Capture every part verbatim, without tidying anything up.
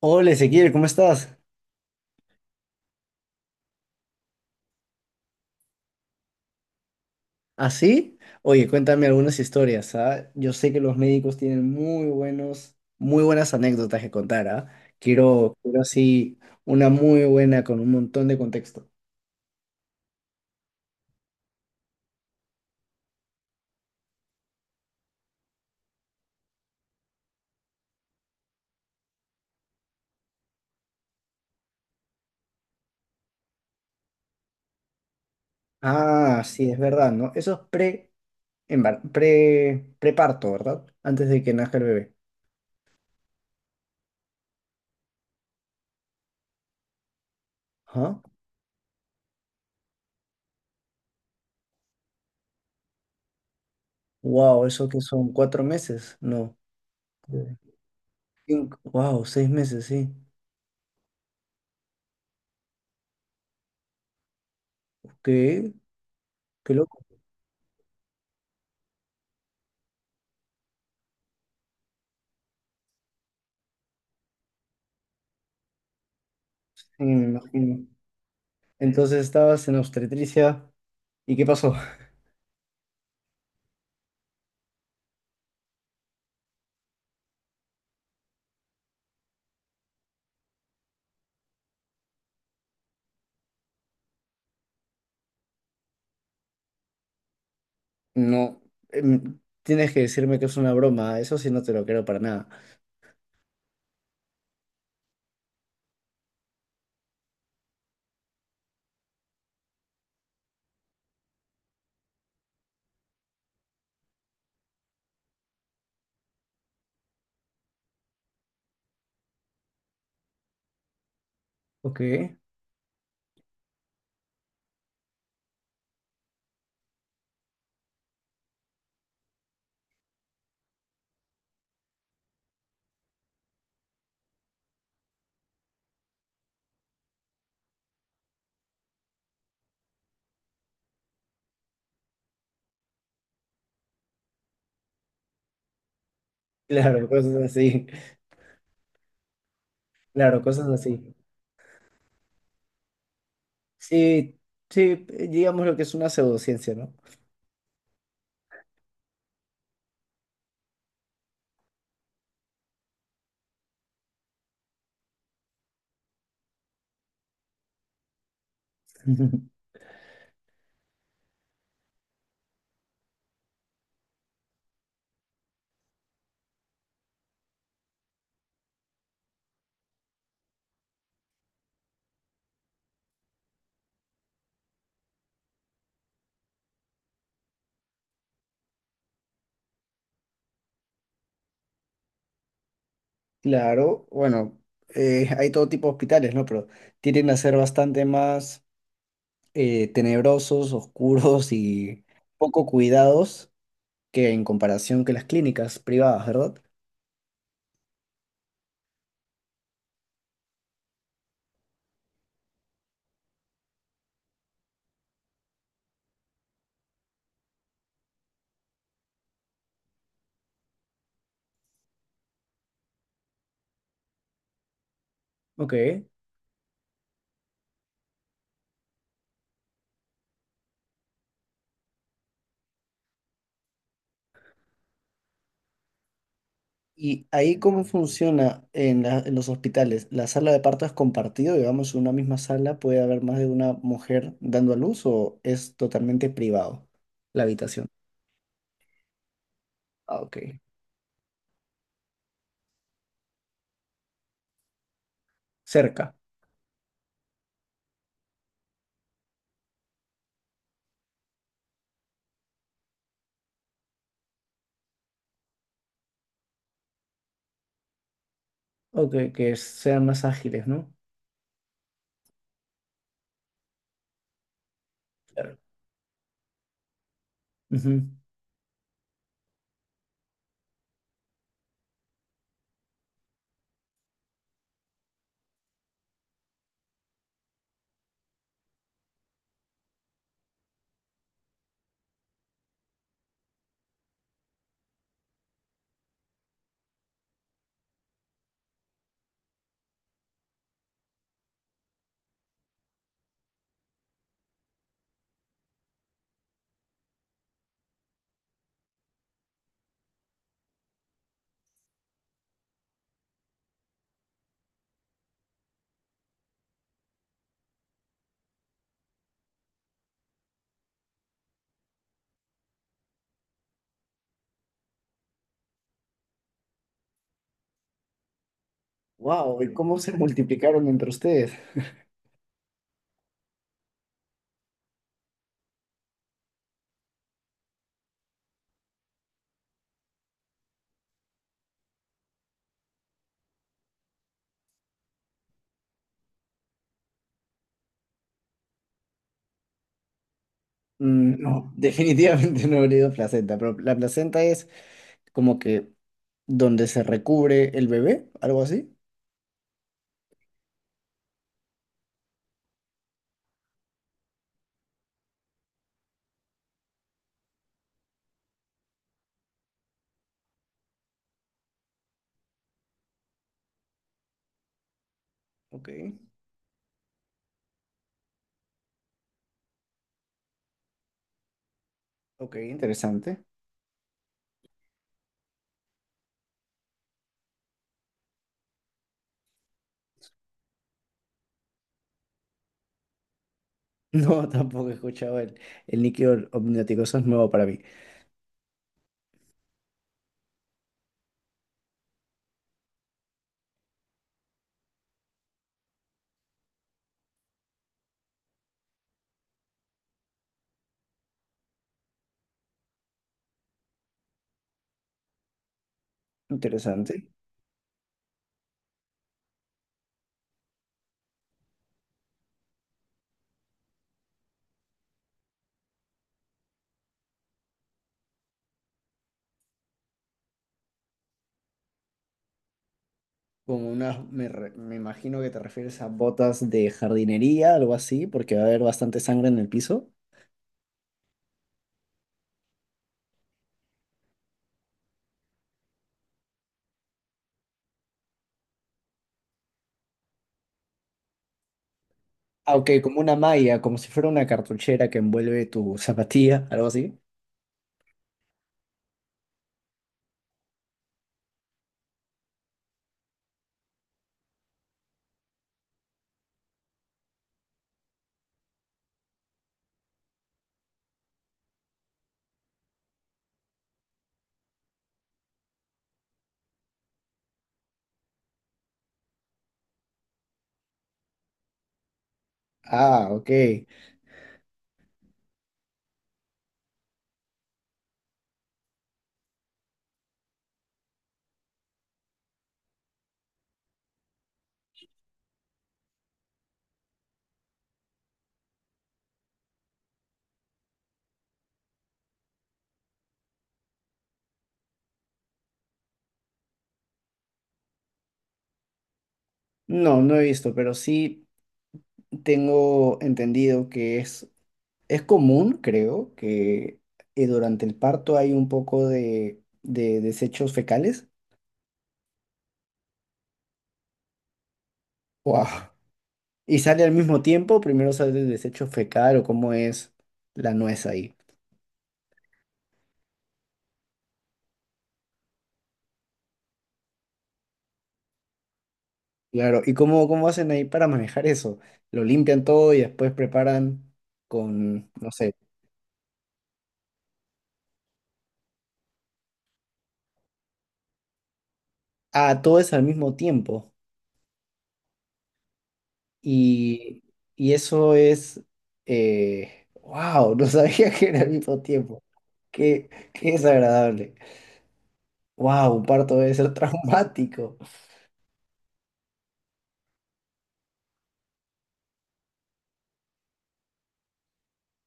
Hola Ezequiel, ¿cómo estás? ¿Así? Oye, cuéntame algunas historias, ¿ah? Yo sé que los médicos tienen muy buenos, muy buenas anécdotas que contar, ¿ah? Quiero, quiero así una muy buena con un montón de contexto. Ah, sí, es verdad, ¿no? Eso es pre, embar- pre, preparto, ¿verdad? Antes de que nazca el bebé. Ajá. Wow, ¿eso que son? ¿Cuatro meses? No. Cinco, wow, seis meses, sí. ¿Qué? Qué loco. Sí, me imagino. Entonces estabas en obstetricia. ¿Y qué pasó? No, em, tienes que decirme que es una broma, eso sí no te lo creo para nada. Ok. Claro, cosas así, claro, cosas así. Sí, sí, digamos lo que es una pseudociencia, ¿no? Claro, bueno, eh, hay todo tipo de hospitales, ¿no? Pero tienden a ser bastante más eh, tenebrosos, oscuros y poco cuidados que en comparación que las clínicas privadas, ¿verdad? Ok. ¿Y ahí cómo funciona en, la- en los hospitales? ¿La sala de parto es compartido? Digamos, en una misma sala puede haber más de una mujer dando a luz o es totalmente privado la habitación. Ah, ok. Cerca. Ok, que sean más ágiles, ¿no? Claro. Wow, ¿y cómo se multiplicaron entre ustedes? Mm, no, definitivamente no habría ido placenta, pero la placenta es como que donde se recubre el bebé, algo así. Ok, ok, interesante. No, tampoco he escuchado el, el níquel omniótico, eso es nuevo para mí. Interesante. Como unas, me, re- me imagino que te refieres a botas de jardinería, algo así, porque va a haber bastante sangre en el piso. Ah, ok, como una malla, como si fuera una cartuchera que envuelve tu zapatilla, algo así. Ah, ok. No, no he visto, pero sí tengo entendido que es, es común, creo, que eh, durante el parto hay un poco de, de desechos fecales. Wow. ¿Y sale al mismo tiempo? ¿Primero sale el desecho fecal o cómo es la nuez ahí? Claro, ¿y cómo, cómo hacen ahí para manejar eso? ¿Lo limpian todo y después preparan con, no sé, ah, todo es al mismo tiempo? Y, y eso es, eh, wow, no sabía que era al mismo tiempo. Qué, qué desagradable. Wow, un parto debe ser traumático,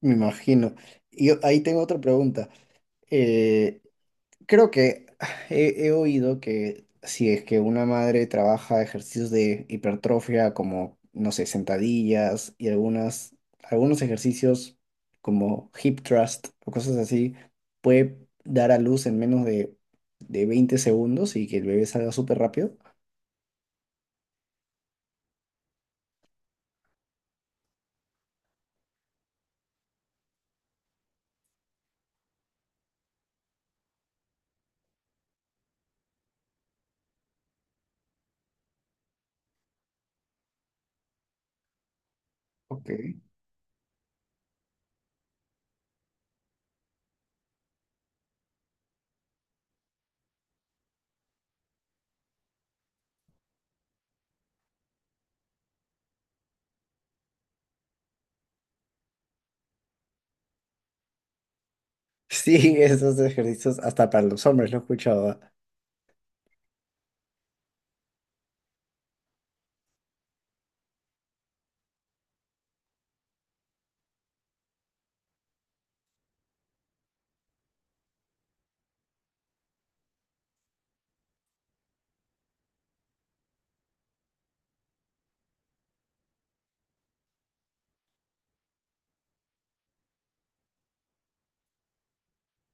me imagino. Y yo- ahí tengo otra pregunta. Eh, Creo que he, he oído que si es que una madre trabaja ejercicios de hipertrofia como, no sé, sentadillas y algunas, algunos ejercicios como hip thrust o cosas así, puede dar a luz en menos de, de veinte segundos y que el bebé salga súper rápido. Ok. Sí, esos ejercicios hasta para los hombres lo he escuchado. Ah.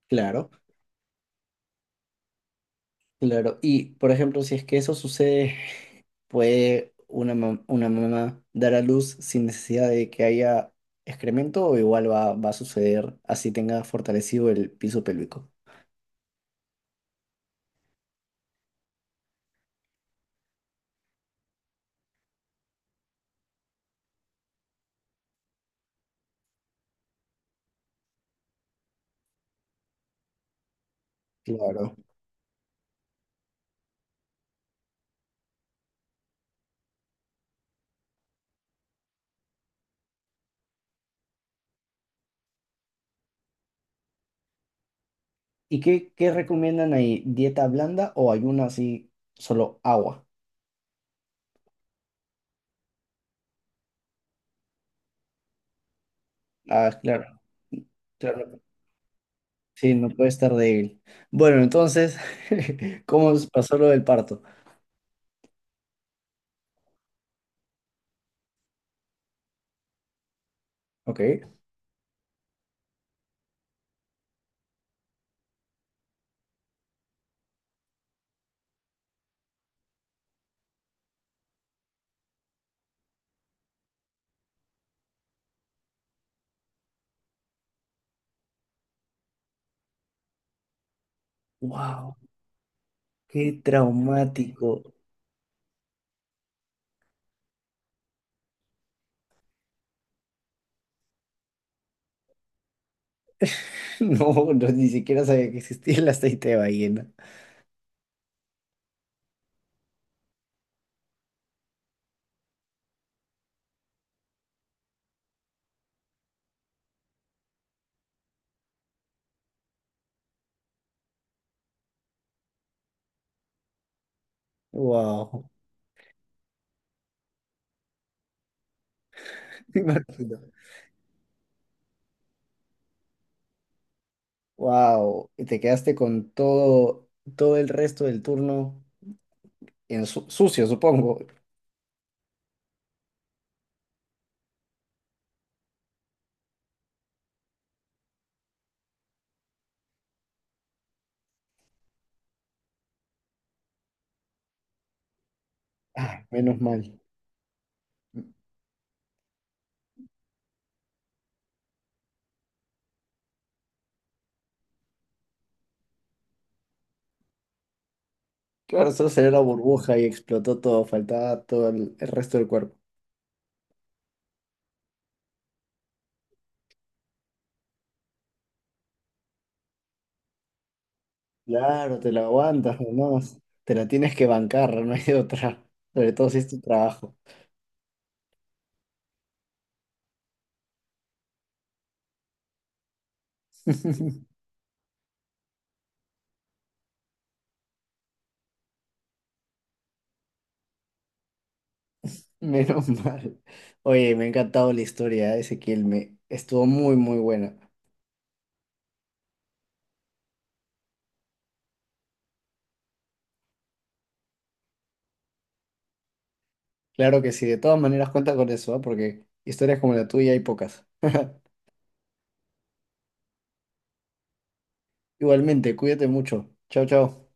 Claro. Claro, y por ejemplo, si es que eso sucede, ¿puede una, mam- una mamá dar a luz sin necesidad de que haya excremento o igual va, va a suceder así tenga fortalecido el piso pélvico? Claro. ¿Y qué, qué recomiendan ahí? ¿Dieta blanda o ayuno así, solo agua? Ah, claro, claro. Sí, no puede estar débil. Bueno, entonces, ¿cómo pasó lo del parto? Ok. Wow, qué traumático. No, no, ni siquiera sabía que existía el aceite de ballena. Wow. Me imagino. Wow. Y te quedaste con todo, todo el resto del turno en su- sucio, supongo. Ah, menos mal. Claro, solo salió la burbuja y explotó todo. Faltaba todo el, el resto del cuerpo. Claro, te la aguantas nomás. Te la tienes que bancar, no hay de otra. Sobre todo si es tu trabajo. Menos mal. Oye, me ha encantado la historia, ¿eh? Ezequiel. Me estuvo muy, muy buena. Claro que sí, de todas maneras cuenta con eso, ¿ah? Porque historias como la tuya hay pocas. Igualmente, cuídate mucho. Chao, chao.